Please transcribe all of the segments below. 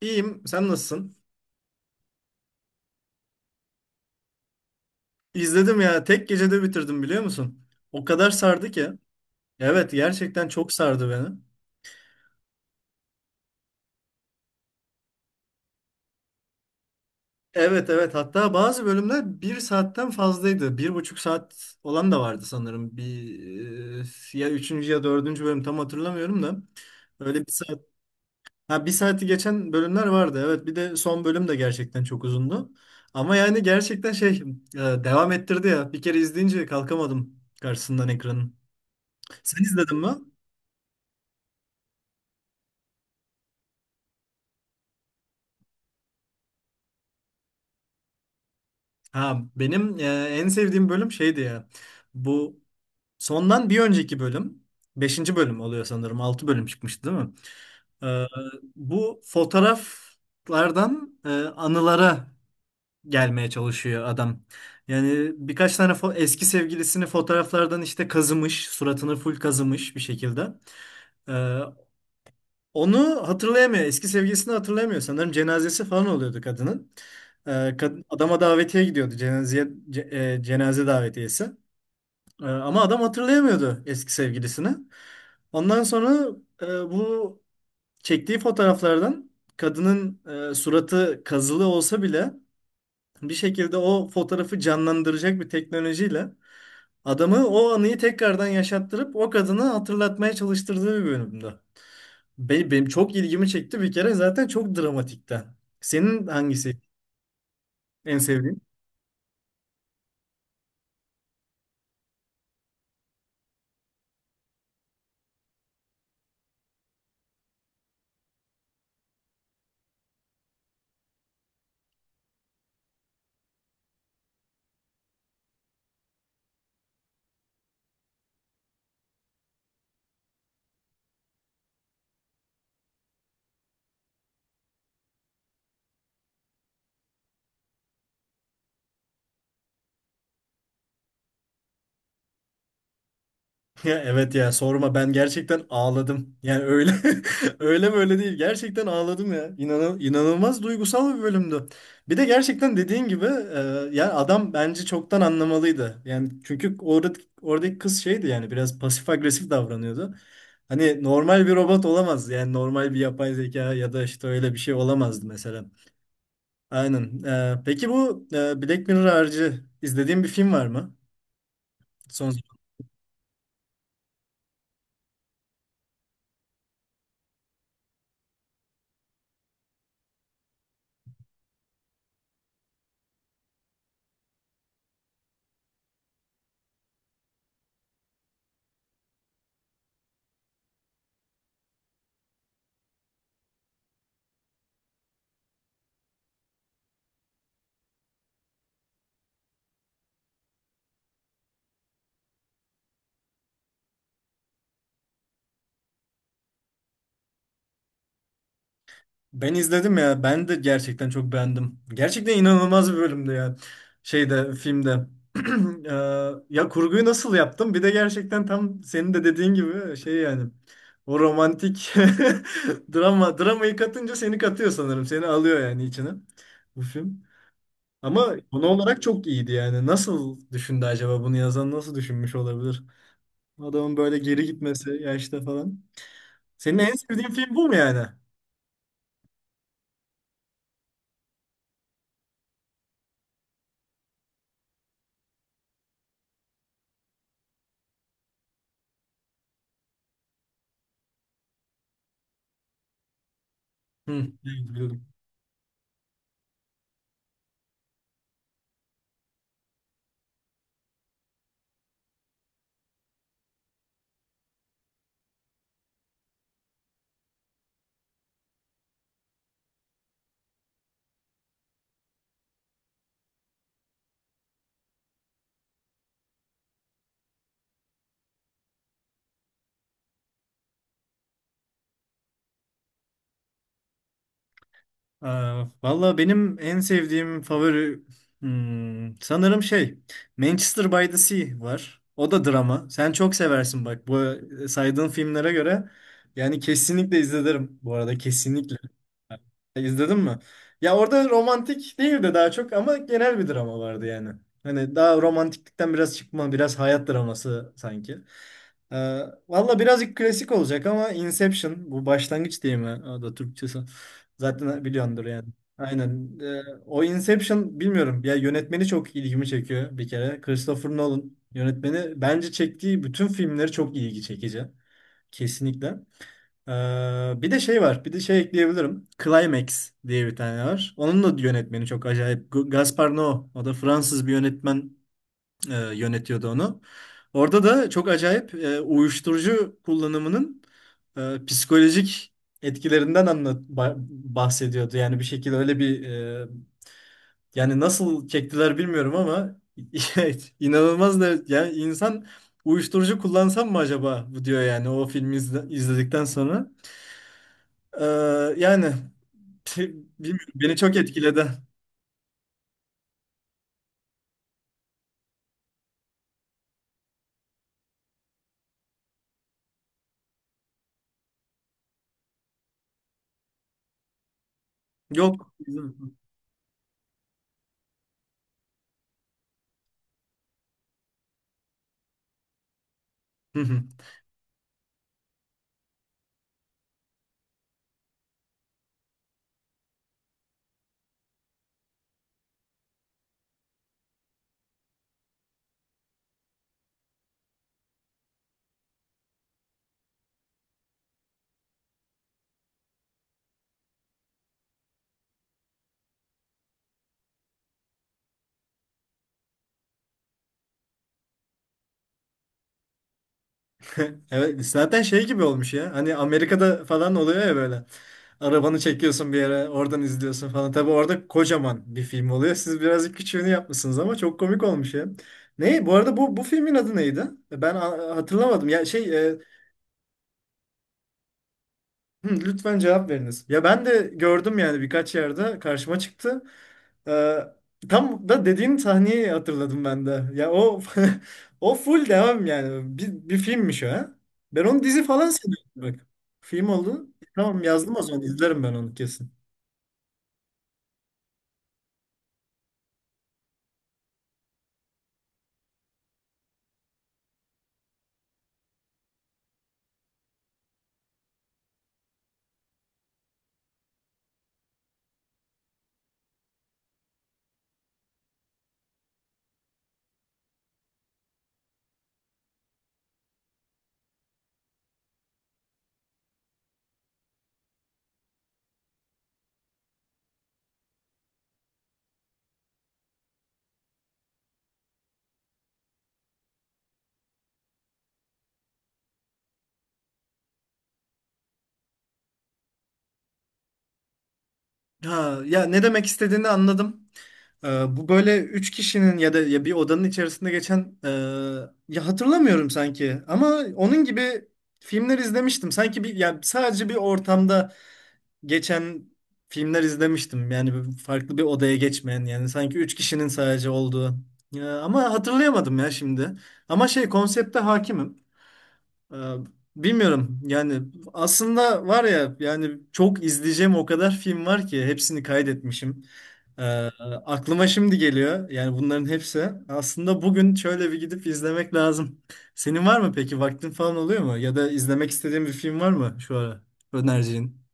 İyiyim. Sen nasılsın? İzledim ya. Tek gecede bitirdim biliyor musun? O kadar sardı ki. Evet, gerçekten çok sardı beni. Evet, evet, hatta bazı bölümler bir saatten fazlaydı. Bir buçuk saat olan da vardı sanırım. Ya üçüncü ya dördüncü bölüm tam hatırlamıyorum da. Öyle bir saat. Ha, bir saati geçen bölümler vardı. Evet, bir de son bölüm de gerçekten çok uzundu. Ama yani gerçekten şey devam ettirdi ya. Bir kere izleyince kalkamadım karşısından ekranın. Sen izledin mi? Ha, benim en sevdiğim bölüm şeydi ya. Bu sondan bir önceki bölüm. Beşinci bölüm oluyor sanırım. Altı bölüm çıkmıştı değil mi? E, Bu fotoğraflardan anılara gelmeye çalışıyor adam. Yani birkaç tane eski sevgilisini fotoğraflardan işte kazımış. Suratını full kazımış bir şekilde. E, Onu hatırlayamıyor. Eski sevgilisini hatırlayamıyor. Sanırım cenazesi falan oluyordu kadının. Adama davetiye gidiyordu. Cenazeye, cenaze davetiyesi. Ama adam hatırlayamıyordu eski sevgilisini. Ondan sonra e, bu çektiği fotoğraflardan kadının suratı kazılı olsa bile bir şekilde o fotoğrafı canlandıracak bir teknolojiyle adamı o anıyı tekrardan yaşattırıp o kadını hatırlatmaya çalıştırdığı bir bölümde. Benim çok ilgimi çekti bir kere zaten, çok dramatikten. Senin hangisi en sevdiğin? Ya evet, ya sorma, ben gerçekten ağladım. Yani öyle öyle böyle değil, gerçekten ağladım ya. İnanıl inanılmaz duygusal bir bölümdü. Bir de gerçekten dediğin gibi yani adam bence çoktan anlamalıydı. Yani çünkü oradaki kız şeydi yani, biraz pasif agresif davranıyordu. Hani normal bir robot olamaz yani, normal bir yapay zeka ya da işte öyle bir şey olamazdı mesela. Aynen. Peki bu Black Mirror harici izlediğin bir film var mı? Son Ben izledim ya. Ben de gerçekten çok beğendim. Gerçekten inanılmaz bir bölümdü ya. Şeyde, filmde. Ee, Ya kurguyu nasıl yaptım? Bir de gerçekten tam senin de dediğin gibi şey yani. O romantik dramayı katınca seni katıyor sanırım. Seni alıyor yani içine bu film. Ama konu olarak çok iyiydi yani. Nasıl düşündü acaba bunu yazan, nasıl düşünmüş olabilir? Adamın böyle geri gitmesi yaşta falan. Senin en sevdiğin film bu mu yani? Hı, evet, biliyordum. Aa, valla benim en sevdiğim favori sanırım şey Manchester by the Sea var. O da drama. Sen çok seversin bak bu saydığın filmlere göre. Yani kesinlikle izlerim bu arada, kesinlikle. İzledin mi? Ya orada romantik değil de daha çok ama genel bir drama vardı yani. Hani daha romantiklikten biraz çıkma, biraz hayat draması sanki. Ee, Valla birazcık klasik olacak ama Inception, bu başlangıç değil mi? O da Türkçesi. Zaten biliyordur yani. Aynen. O Inception, bilmiyorum. Ya yönetmeni çok ilgimi çekiyor bir kere. Christopher Nolan yönetmeni, bence çektiği bütün filmleri çok ilgi çekici. Kesinlikle. Ee, Bir de şey var. Bir de şey ekleyebilirim. Climax diye bir tane var. Onun da yönetmeni çok acayip. Gaspar Noé. O da Fransız bir yönetmen, yönetiyordu onu. Orada da çok acayip uyuşturucu kullanımının psikolojik etkilerinden bahsediyordu. Yani bir şekilde öyle bir yani nasıl çektiler bilmiyorum ama inanılmaz da yani, insan uyuşturucu kullansam mı acaba bu diyor yani, o filmi izledikten sonra. E, Yani bilmiyorum, beni çok etkiledi. Yok. Evet, zaten şey gibi olmuş ya. Hani Amerika'da falan oluyor ya böyle. Arabanı çekiyorsun bir yere, oradan izliyorsun falan. Tabii orada kocaman bir film oluyor. Siz birazcık küçüğünü yapmışsınız ama çok komik olmuş ya. Ne? Bu arada bu filmin adı neydi? Ben hatırlamadım. Ya şey, lütfen cevap veriniz. Ya ben de gördüm yani, birkaç yerde karşıma çıktı. Ee, Tam da dediğin sahneyi hatırladım ben de. Ya o o full devam yani. Bir filmmiş o, ha. Ben onu dizi falan sanıyordum bak. Film oldu. Tamam, yazdım o zaman, izlerim ben onu kesin. Ha, ya ne demek istediğini anladım. Bu böyle üç kişinin ya da ya bir odanın içerisinde geçen, ya hatırlamıyorum sanki ama onun gibi filmler izlemiştim. Sanki bir, yani sadece bir ortamda geçen filmler izlemiştim. Yani farklı bir odaya geçmeyen, yani sanki üç kişinin sadece olduğu. Ya, ama hatırlayamadım ya şimdi. Ama şey, konsepte hakimim. Ee, Bilmiyorum yani, aslında var ya yani, çok izleyeceğim o kadar film var ki, hepsini kaydetmişim. Ee, Aklıma şimdi geliyor yani bunların hepsi. Aslında bugün şöyle bir gidip izlemek lazım. Senin var mı peki, vaktin falan oluyor mu? Ya da izlemek istediğin bir film var mı şu ara, önereceğin?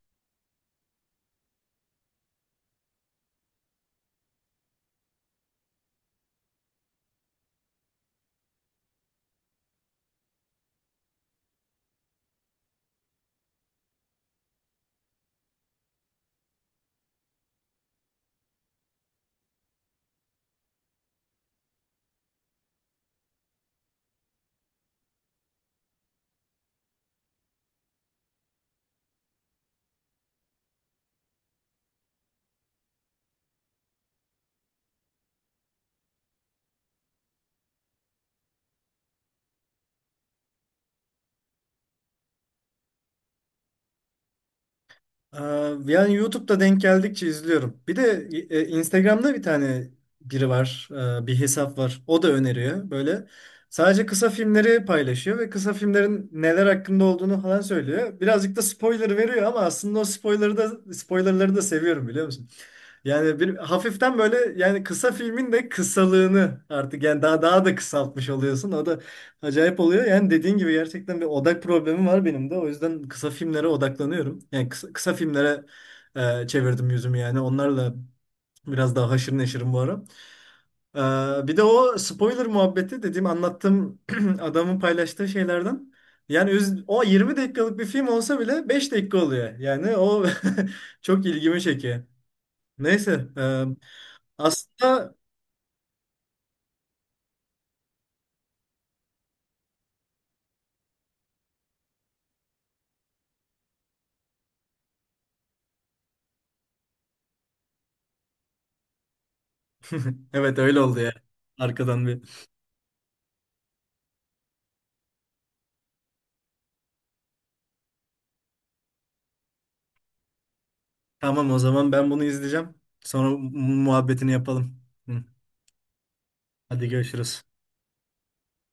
Aa, yani YouTube'da denk geldikçe izliyorum. Bir de Instagram'da bir tane biri var, bir hesap var. O da öneriyor böyle. Sadece kısa filmleri paylaşıyor ve kısa filmlerin neler hakkında olduğunu falan söylüyor. Birazcık da spoiler veriyor ama aslında o spoiler'ı da spoilerları da seviyorum, biliyor musun? Yani bir hafiften böyle yani, kısa filmin de kısalığını artık yani daha daha da kısaltmış oluyorsun. O da acayip oluyor. Yani dediğin gibi gerçekten bir odak problemi var benim de. O yüzden kısa filmlere odaklanıyorum. Yani kısa filmlere çevirdim yüzümü yani. Onlarla biraz daha haşır neşirim bu ara. Bir de o spoiler muhabbeti dediğim, anlattığım adamın paylaştığı şeylerden. Yani o 20 dakikalık bir film olsa bile 5 dakika oluyor. Yani o çok ilgimi çekiyor. Neyse. Aslında evet, öyle oldu ya. Arkadan bir. Tamam, o zaman ben bunu izleyeceğim. Sonra muhabbetini yapalım. Hı. Hadi görüşürüz.